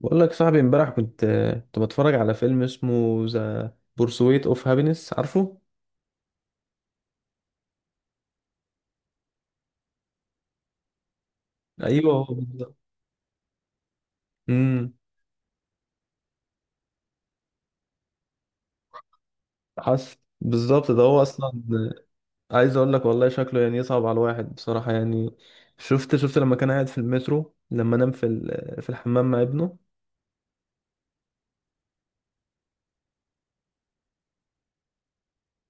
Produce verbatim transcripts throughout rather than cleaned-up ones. بقول لك صاحبي امبارح كنت كنت بتفرج على فيلم اسمه ذا بورسويت اوف هابينس، عارفه؟ ايوه، هو بالظبط. امم. حصل بالظبط، ده هو اصلا. عايز اقول لك والله شكله يعني يصعب على الواحد بصراحه، يعني شفت شفت لما كان قاعد في المترو، لما نام في ال- في الحمام مع ابنه.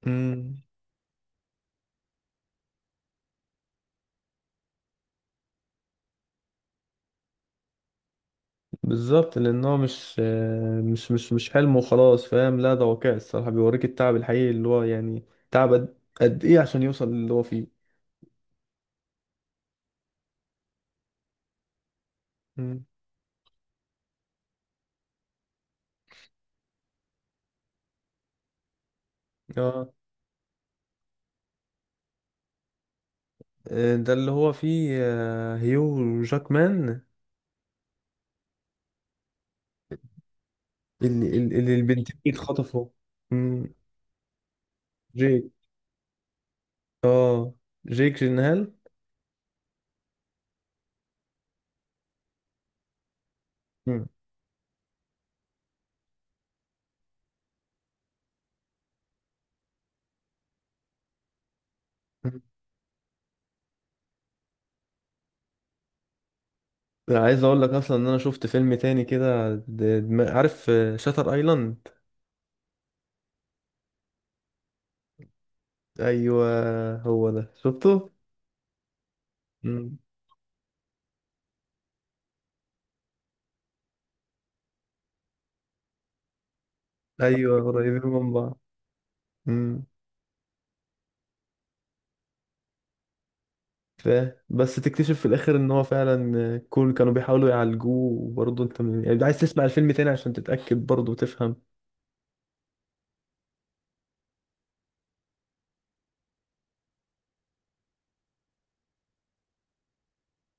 امم. بالظبط، لان هو مش مش مش مش حلم وخلاص، فاهم؟ لا، ده واقع، الصراحه بيوريك التعب الحقيقي اللي هو يعني تعب قد قد ايه عشان يوصل للي هو فيه. امم. اه، آه، ده اللي هو فيه آه، هيو جاكمان. اللي, اللي البنتين اتخطفوا. مم. جيك اه جيك جينهال. مم. مم. عايز اقول لك اصلا ان انا شفت فيلم تاني كده، د- دم- عارف شاتر ايلاند؟ ايوه، هو ده شفته. مم. ايوه، قريبين من بعض. مم. ف... بس تكتشف في الاخر ان هو فعلا كل كانوا بيحاولوا يعالجوه، وبرضه انت م- يعني عايز تسمع الفيلم تاني عشان تتاكد برضه وتفهم.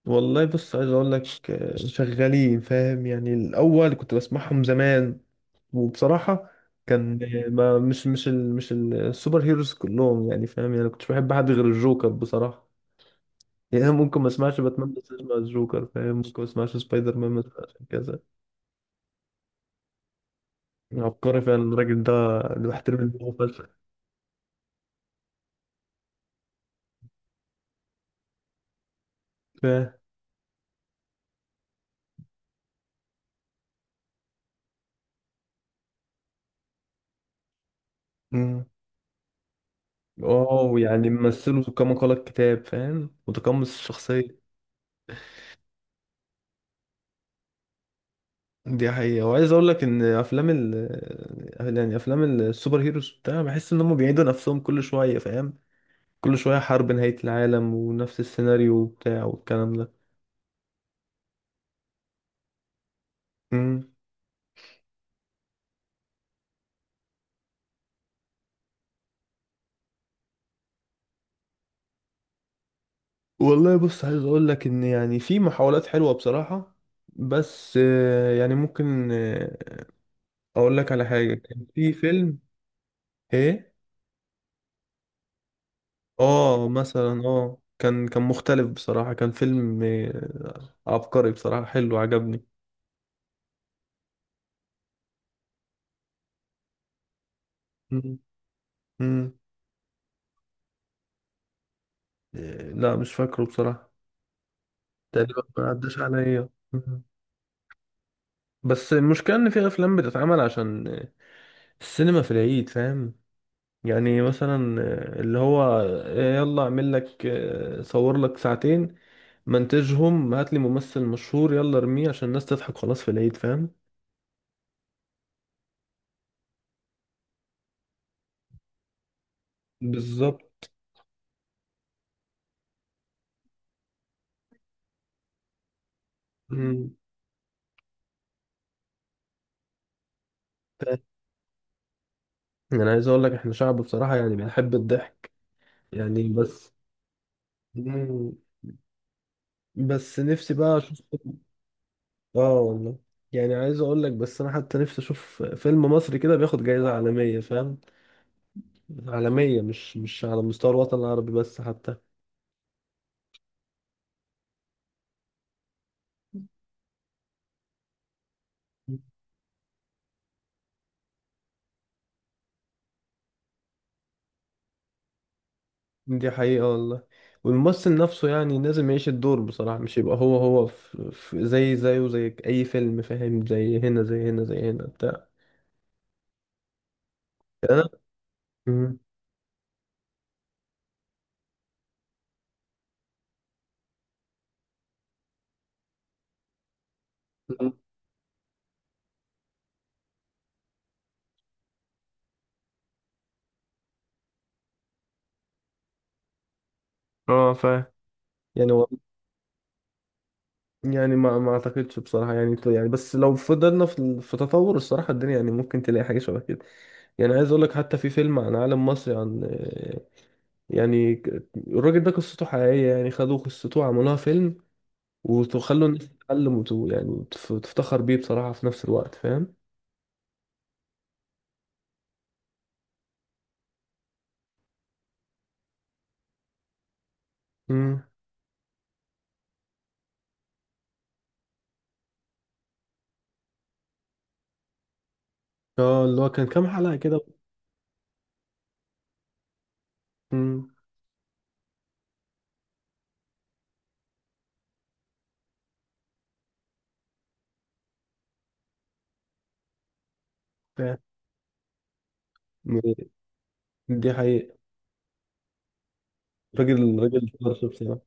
والله بص، عايز اقول لك آه، شغالين، فاهم؟ يعني الاول كنت بسمعهم زمان. وبصراحه، كان آه، ما مش مش ال مش ال- السوبر هيروز كلهم، يعني فاهم؟ يعني كنتش بحب حد غير الجوكر بصراحه. يعني ممكن ما اسمعش باتمان بس اسمع الجوكر، فاهم؟ ممكن ما اسمعش سبايدر مان بس اسمعش كذا. عبقري فعلا الراجل ده، اللي بحترم دماغه فشخ. فاهم. مم. واو، يعني ممثله كما قال الكتاب، فاهم؟ متقمص الشخصيه. دي حقيقة، وعايز اقول لك ان افلام ال يعني افلام السوبر هيروز بتاع، بحس ان هم بيعيدوا نفسهم كل شوية، فاهم؟ كل شوية حرب نهاية العالم ونفس السيناريو وبتاع والكلام ده. امم. والله بص، عايز اقول لك ان يعني في محاولات حلوة بصراحة. بس آه، يعني ممكن آه، اقول لك على حاجة، كان في فيلم. ايه. اه مثلا اه كان كان مختلف بصراحة، كان فيلم آه، عبقري بصراحة، حلو عجبني. مم. مم. آه، لا، مش فاكره بصراحة. تقريبا ما عداش عليا. مم. بس المشكلة إن في أفلام بتتعمل عشان السينما في العيد، فاهم؟ يعني مثلا، اللي هو، يلا أعمل لك، صور لك ساعتين، منتجهم هات لي ممثل مشهور، يلا ارميه عشان الناس تضحك خلاص في العيد، فاهم؟ بالظبط. مم. أنا عايز أقول لك إحنا شعب بصراحة يعني بنحب الضحك، يعني بس. مم. بس نفسي بقى أشوف. اه والله. يعني عايز اقول لك، بس انا حتى نفسي اشوف فيلم مصري كده بياخد جايزة عالمية، فاهم؟ عالمية، مش مش على مستوى الوطن العربي بس، حتى. دي حقيقة والله. والممثل نفسه يعني لازم يعيش الدور بصراحة، مش يبقى هو هو في في زي زيه زي اي فيلم، فاهم؟ زي هنا زي هنا زي هنا بتاع. انا. مم. اه فاهم. يعني هو، يعني ما ما اعتقدش بصراحة، يعني يعني بس لو فضلنا في في تطور الصراحة الدنيا، يعني ممكن تلاقي حاجة شبه كده. يعني عايز اقول لك، حتى في فيلم عن عالم مصري، عن آه، يعني ك- الراجل ده قصته حقيقية، يعني خدوا قصته وعملوها فيلم، وخلوا الناس تتعلم وت- يعني وتف- وتفتخر بيه بصراحة في نفس الوقت، فاهم؟ امم. اه، اللي هو كان كام حلقة كده؟ امم. فاهم. دي حقيقة. راجل راجل طرش بصراحة.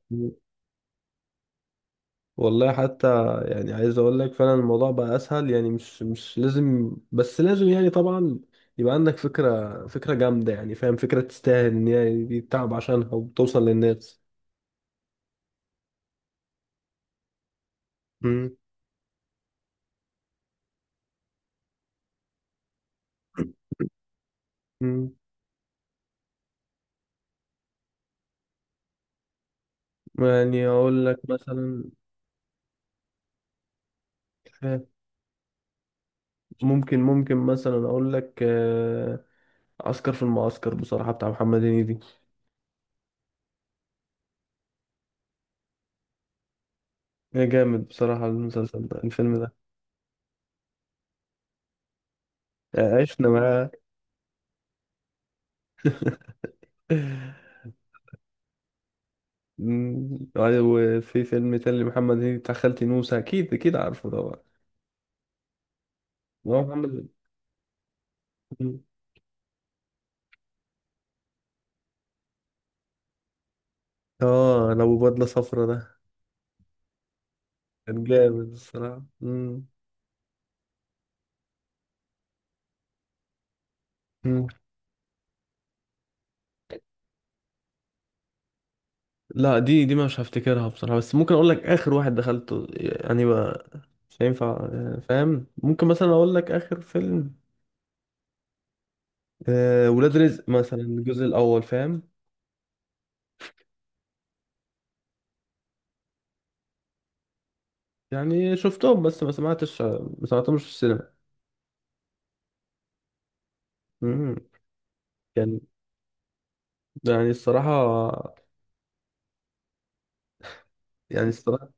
والله حتى يعني عايز اقول لك، فعلا الموضوع بقى اسهل، يعني مش مش لازم، بس لازم يعني طبعا. يبقى عندك فكرة فكرة جامدة، يعني فاهم؟ فكرة تستاهل ان هي يتعب عشانها وتوصل للناس. مم. مم. يعني اقول لك مثلا. فاهم. ممكن ممكن مثلا اقول لك آه، عسكر في المعسكر بصراحة، بتاع محمد هنيدي. يا جامد بصراحة، المسلسل ده الفيلم ده. عشنا معاه. مم. أيوة. وفي فيلم تاني لمحمد هنيدي، بتاع خالتي نوسة، أكيد أكيد عارفه طبعا. هو محمد. مم. آه، لو بدلة صفرا ده؟ كان جامد الصراحة. مم. مم. لا، دي دي مش هفتكرها بصراحة، بس ممكن أقول لك آخر واحد دخلته يعني بقى. مش هينفع. آه، فاهم، ممكن مثلا أقول لك آخر فيلم. آه ولاد رزق مثلا، الجزء الأول، فاهم؟ يعني شفتهم بس ما سمعتش ما سمعتهمش في السينما. مم. كان. يعني الصراحة. يعني الصراحة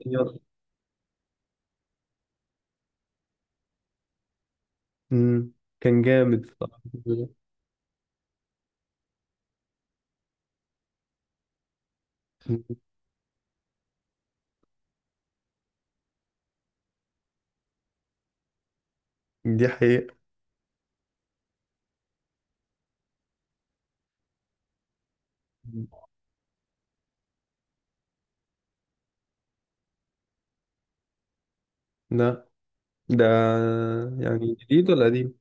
مم. كان جامد بصراحة. مم. دي حقيقة. لا، ده يعني جديد ولا قديم؟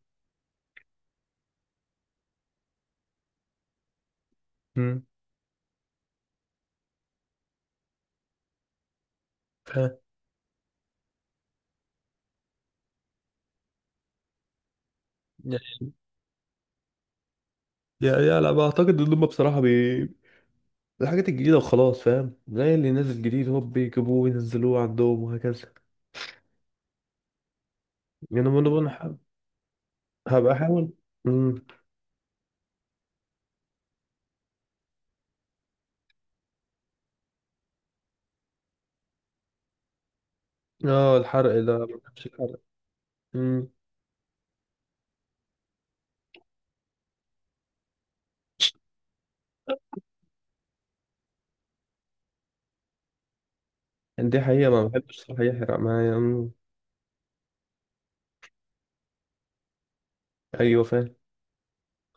مم. فاهم. يا يا يا لا، بعتقد ان هم بصراحة بي... الحاجات الجديدة وخلاص، فاهم؟ زي اللي نازل جديد هو بيجيبوه وينزلوه عندهم وهكذا. يعني انا برضه أنا ح- هبقى احاول. مم. اه، الحرق ده، ما بحبش الحرق. مم. يعني دي حقيقة، ما بحبش صراحة يحرق معايا. مم. ايوه، فاهم.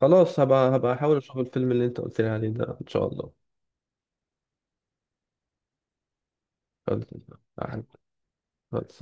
خلاص، هبقى هبقى احاول اشوف الفيلم اللي انت قلت لي عليه ده، ان شاء الله. خلاص. خلاص.